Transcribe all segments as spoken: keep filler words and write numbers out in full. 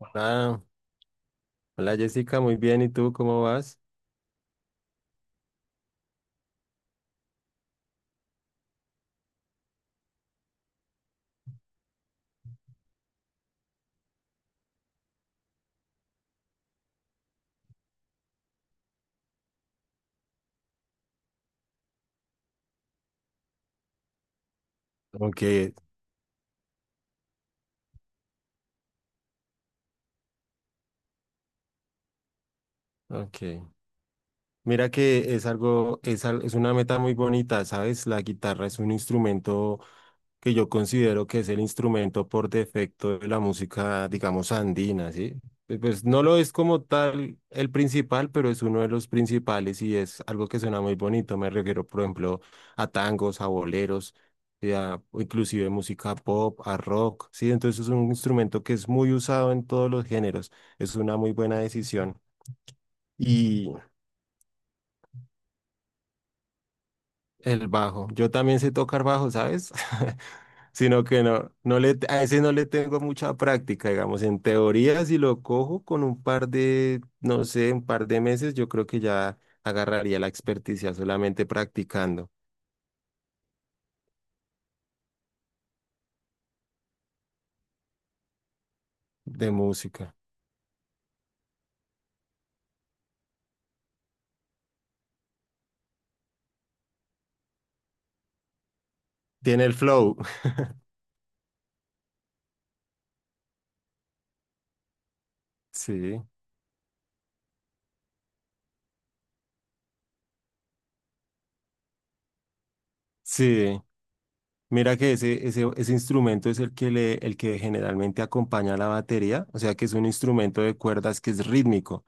Ah, hola Jessica, muy bien. ¿Y tú cómo vas? Aunque, aunque, mira que es algo, es, al- es una meta muy bonita, ¿sabes? La guitarra es un instrumento que yo considero que es el instrumento por defecto de la música, digamos, andina, ¿sí? Pues pues, no lo es como tal el principal, pero es uno de los principales y es algo que suena muy bonito. Me refiero, por ejemplo, a tangos, a boleros, y a- o inclusive música pop, a rock, ¿sí? Entonces es un instrumento que es muy usado en todos los géneros. Es una muy buena decisión. Y el bajo. Yo también sé tocar bajo, ¿sabes? Sino que no, no le, a ese no le tengo mucha práctica, digamos, en teoría, si lo cojo con un par de, no sé, un par de meses, yo creo que ya agarraría la experticia solamente practicando de música. Tiene el flow, sí, sí. Mira que ese, ese, ese instrumento es el que le, el que generalmente acompaña a la batería, o sea que es un instrumento de cuerdas que es rítmico.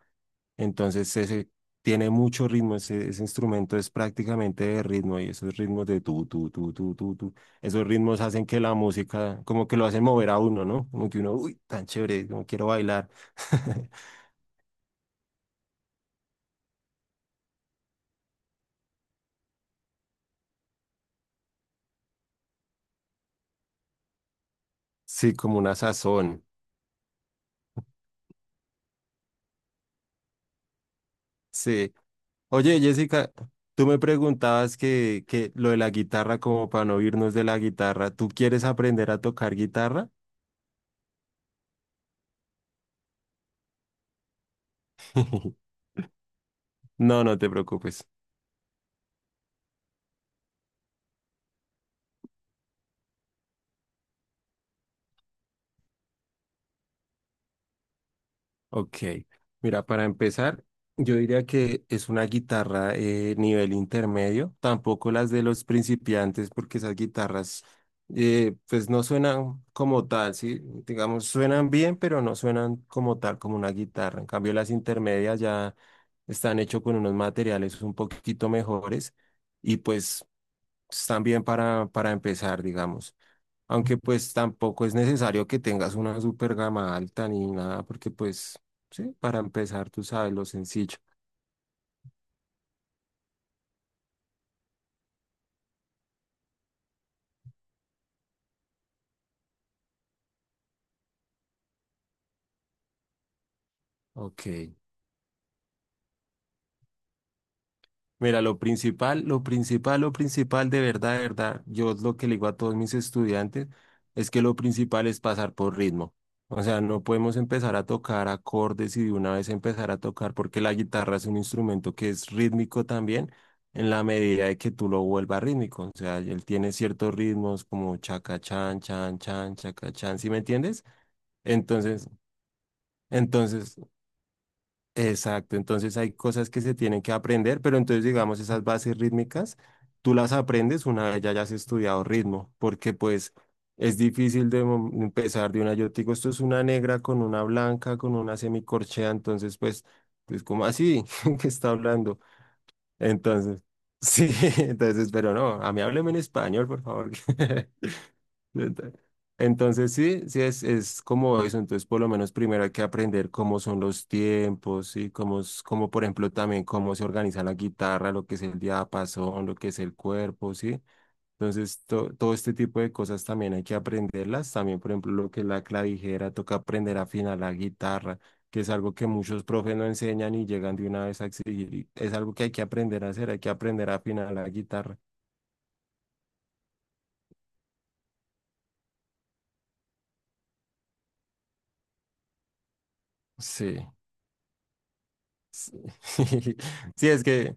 Entonces, ese tiene mucho ritmo, ese, ese instrumento es prácticamente de ritmo y esos ritmos de tu, tu, tu, tu, tu, tu, esos ritmos hacen que la música, como que lo hacen mover a uno, ¿no? Como que uno, uy, tan chévere, como quiero bailar. Sí, como una sazón. Sí. Oye, Jessica, tú me preguntabas que, que lo de la guitarra, como para no irnos de la guitarra, ¿tú quieres aprender a tocar guitarra? No, no te preocupes. Ok, mira, para empezar, yo diría que es una guitarra eh, nivel intermedio, tampoco las de los principiantes, porque esas guitarras eh, pues no suenan como tal, ¿sí? Digamos, suenan bien, pero no suenan como tal, como una guitarra. En cambio, las intermedias ya están hechas con unos materiales un poquito mejores y pues pues, también para, para empezar, digamos. Aunque pues tampoco es necesario que tengas una super gama alta ni nada, porque pues sí, para empezar tú sabes lo sencillo. Ok. Mira, lo principal, lo principal, lo principal de verdad, de verdad, yo lo que le digo a todos mis estudiantes es que lo principal es pasar por ritmo. O sea, no podemos empezar a tocar acordes y de una vez empezar a tocar porque la guitarra es un instrumento que es rítmico también en la medida de que tú lo vuelvas rítmico. O sea, él tiene ciertos ritmos como chaca chan, chan, chan, chaca chan, ¿sí me entiendes? Entonces, entonces exacto, entonces hay cosas que se tienen que aprender, pero entonces digamos esas bases rítmicas, tú las aprendes una vez ya hayas estudiado ritmo, porque pues es difícil de mo- empezar de una, yo te digo, esto es una negra con una blanca, con una semicorchea, entonces pues, pues como así que está hablando, entonces, sí, entonces, pero no, a mí hábleme en español, por favor. Neta. Entonces sí, sí es, es como eso, entonces por lo menos primero hay que aprender cómo son los tiempos y cómo, es- cómo por ejemplo también cómo se organiza la guitarra, lo que es el diapasón, lo que es el cuerpo, ¿sí? Entonces to- todo este tipo de cosas también hay que aprenderlas, también por ejemplo lo que es la clavijera, toca aprender a afinar la guitarra, que es algo que muchos profes no enseñan y llegan de una vez a exigir, y es algo que hay que aprender a hacer, hay que aprender a afinar la guitarra. Sí. Sí, sí, es que...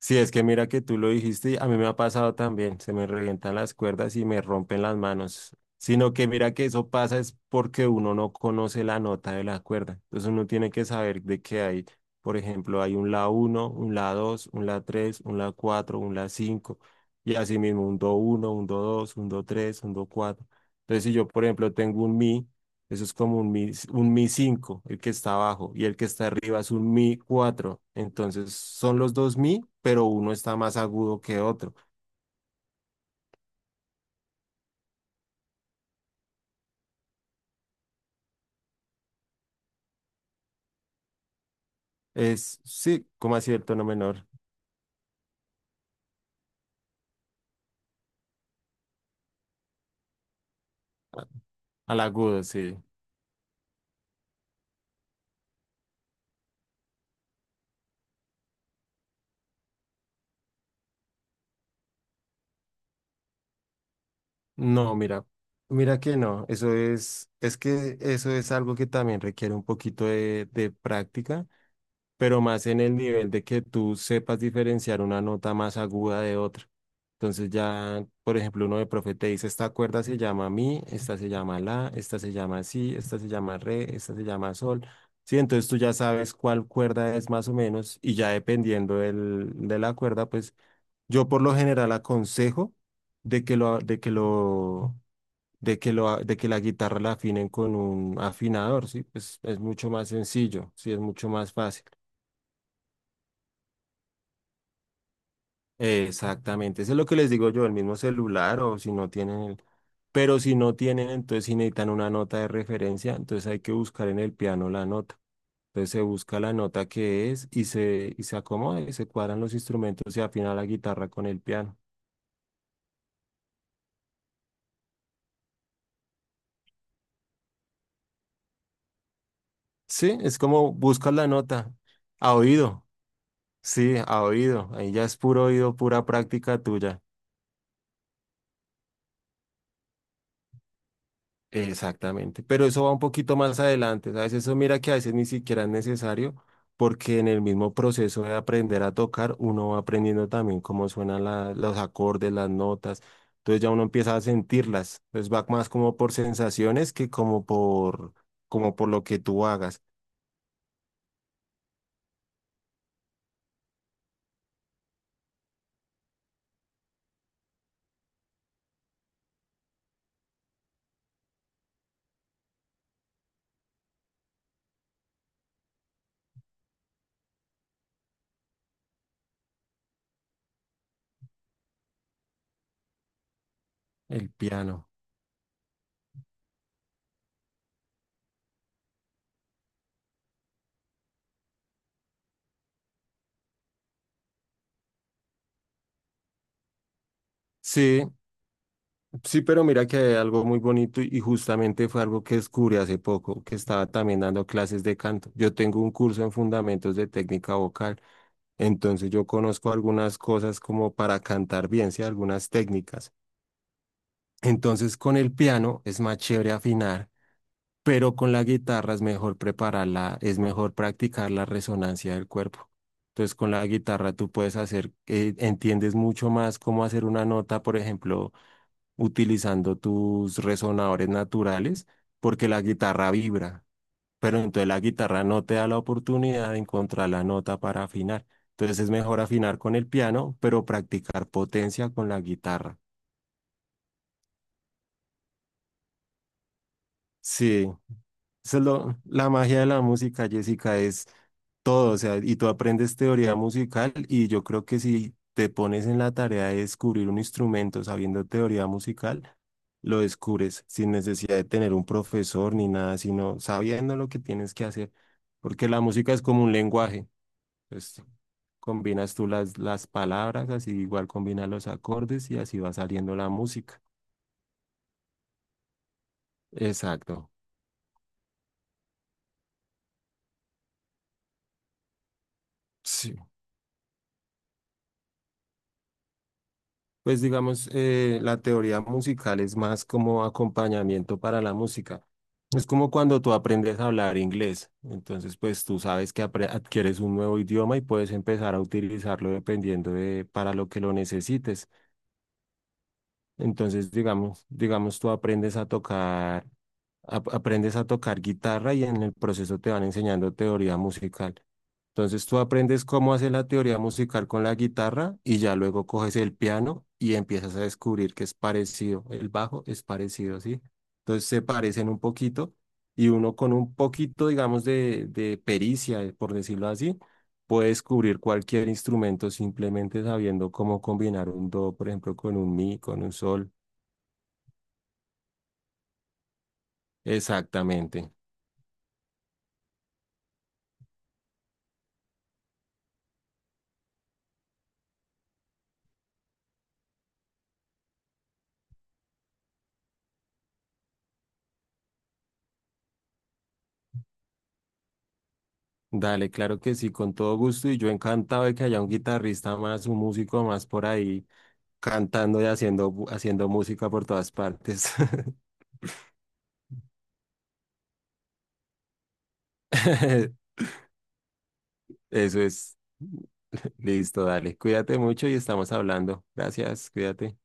Sí, es que mira que tú lo dijiste, y a mí me ha pasado también, se me revientan las cuerdas y me rompen las manos, sino que mira que eso pasa es porque uno no conoce la nota de la cuerda, entonces uno tiene que saber de qué hay, por ejemplo, hay un la uno, un la dos, un la tres, un la cuatro, un la cinco y así mismo un do uno, un do dos, un do tres, un do cuatro. Entonces si yo, por ejemplo, tengo un mi, eso es como un mi, un mi cinco el que está abajo, y el que está arriba es un mi cuatro. Entonces son los dos mi, pero uno está más agudo que otro. Es, sí, como así el tono menor al agudo, sí. No, mira, mira que no. Eso es, es que eso es algo que también requiere un poquito de, de práctica, pero más en el nivel de que tú sepas diferenciar una nota más aguda de otra. Entonces ya, por ejemplo, uno de profe te dice, esta cuerda se llama mi, esta se llama la, esta se llama si, esta se llama re, esta se llama sol. Sí, entonces tú ya sabes cuál cuerda es más o menos y ya dependiendo del, de la cuerda, pues yo por lo general aconsejo de que lo, de que lo, de que lo, de que la guitarra la afinen con un afinador, sí, pues es mucho más sencillo, sí, es mucho más fácil. Exactamente, eso es lo que les digo yo, el mismo celular o si no tienen el... Pero si no tienen, entonces si necesitan una nota de referencia, entonces hay que buscar en el piano la nota. Entonces se busca la nota que es y se, y se acomoda, y se cuadran los instrumentos y afina la guitarra con el piano. Sí, es como buscas la nota a oído. Sí, a oído. Ahí ya es puro oído, pura práctica tuya. Exactamente, pero eso va un poquito más adelante, ¿sabes? Eso mira que a veces ni siquiera es necesario, porque en el mismo proceso de aprender a tocar, uno va aprendiendo también cómo suenan la- los acordes, las notas, entonces ya uno empieza a sentirlas, entonces va más como por sensaciones que como por, como por lo que tú hagas, el piano. Sí, sí, pero mira que hay algo muy bonito y y justamente fue algo que descubrí hace poco, que estaba también dando clases de canto. Yo tengo un curso en fundamentos de técnica vocal. Entonces yo conozco algunas cosas como para cantar bien, ¿sí? Algunas técnicas. Entonces con el piano es más chévere afinar, pero con la guitarra es mejor prepararla, es mejor practicar la resonancia del cuerpo. Entonces con la guitarra tú puedes hacer, eh, entiendes mucho más cómo hacer una nota, por ejemplo, utilizando tus resonadores naturales, porque la guitarra vibra, pero entonces la guitarra no te da la oportunidad de encontrar la nota para afinar. Entonces es mejor afinar con el piano, pero practicar potencia con la guitarra. Sí, eso es lo- la magia de la música, Jessica, es todo, o sea, y tú aprendes teoría musical y yo creo que si te pones en la tarea de descubrir un instrumento sabiendo teoría musical, lo descubres sin necesidad de tener un profesor ni nada, sino sabiendo lo que tienes que hacer, porque la música es como un lenguaje. Pues combinas tú las, las palabras, así igual combinas los acordes y así va saliendo la música. Exacto, sí. Pues digamos, eh, la teoría musical es más como acompañamiento para la música. Es como cuando tú aprendes a hablar inglés. Entonces, pues tú sabes que apre- adquieres un nuevo idioma y puedes empezar a utilizarlo dependiendo de para lo que lo necesites. Entonces, digamos, digamos, tú aprendes a tocar, ap- aprendes a tocar guitarra y en el proceso te van enseñando teoría musical. Entonces, tú aprendes cómo hacer la teoría musical con la guitarra y ya luego coges el piano y empiezas a descubrir que es parecido, el bajo es parecido, ¿sí? Entonces, se parecen un poquito y uno con un poquito, digamos, de, de pericia, eh, por decirlo así, puede descubrir cualquier instrumento simplemente sabiendo cómo combinar un do, por ejemplo, con un mi, con un sol. Exactamente. Dale, claro que sí, con todo gusto y yo encantado de que haya un guitarrista más, un músico más por ahí cantando y haciendo, bu- haciendo música por todas partes. Eso es. Listo, dale. Cuídate mucho y estamos hablando. Gracias, cuídate.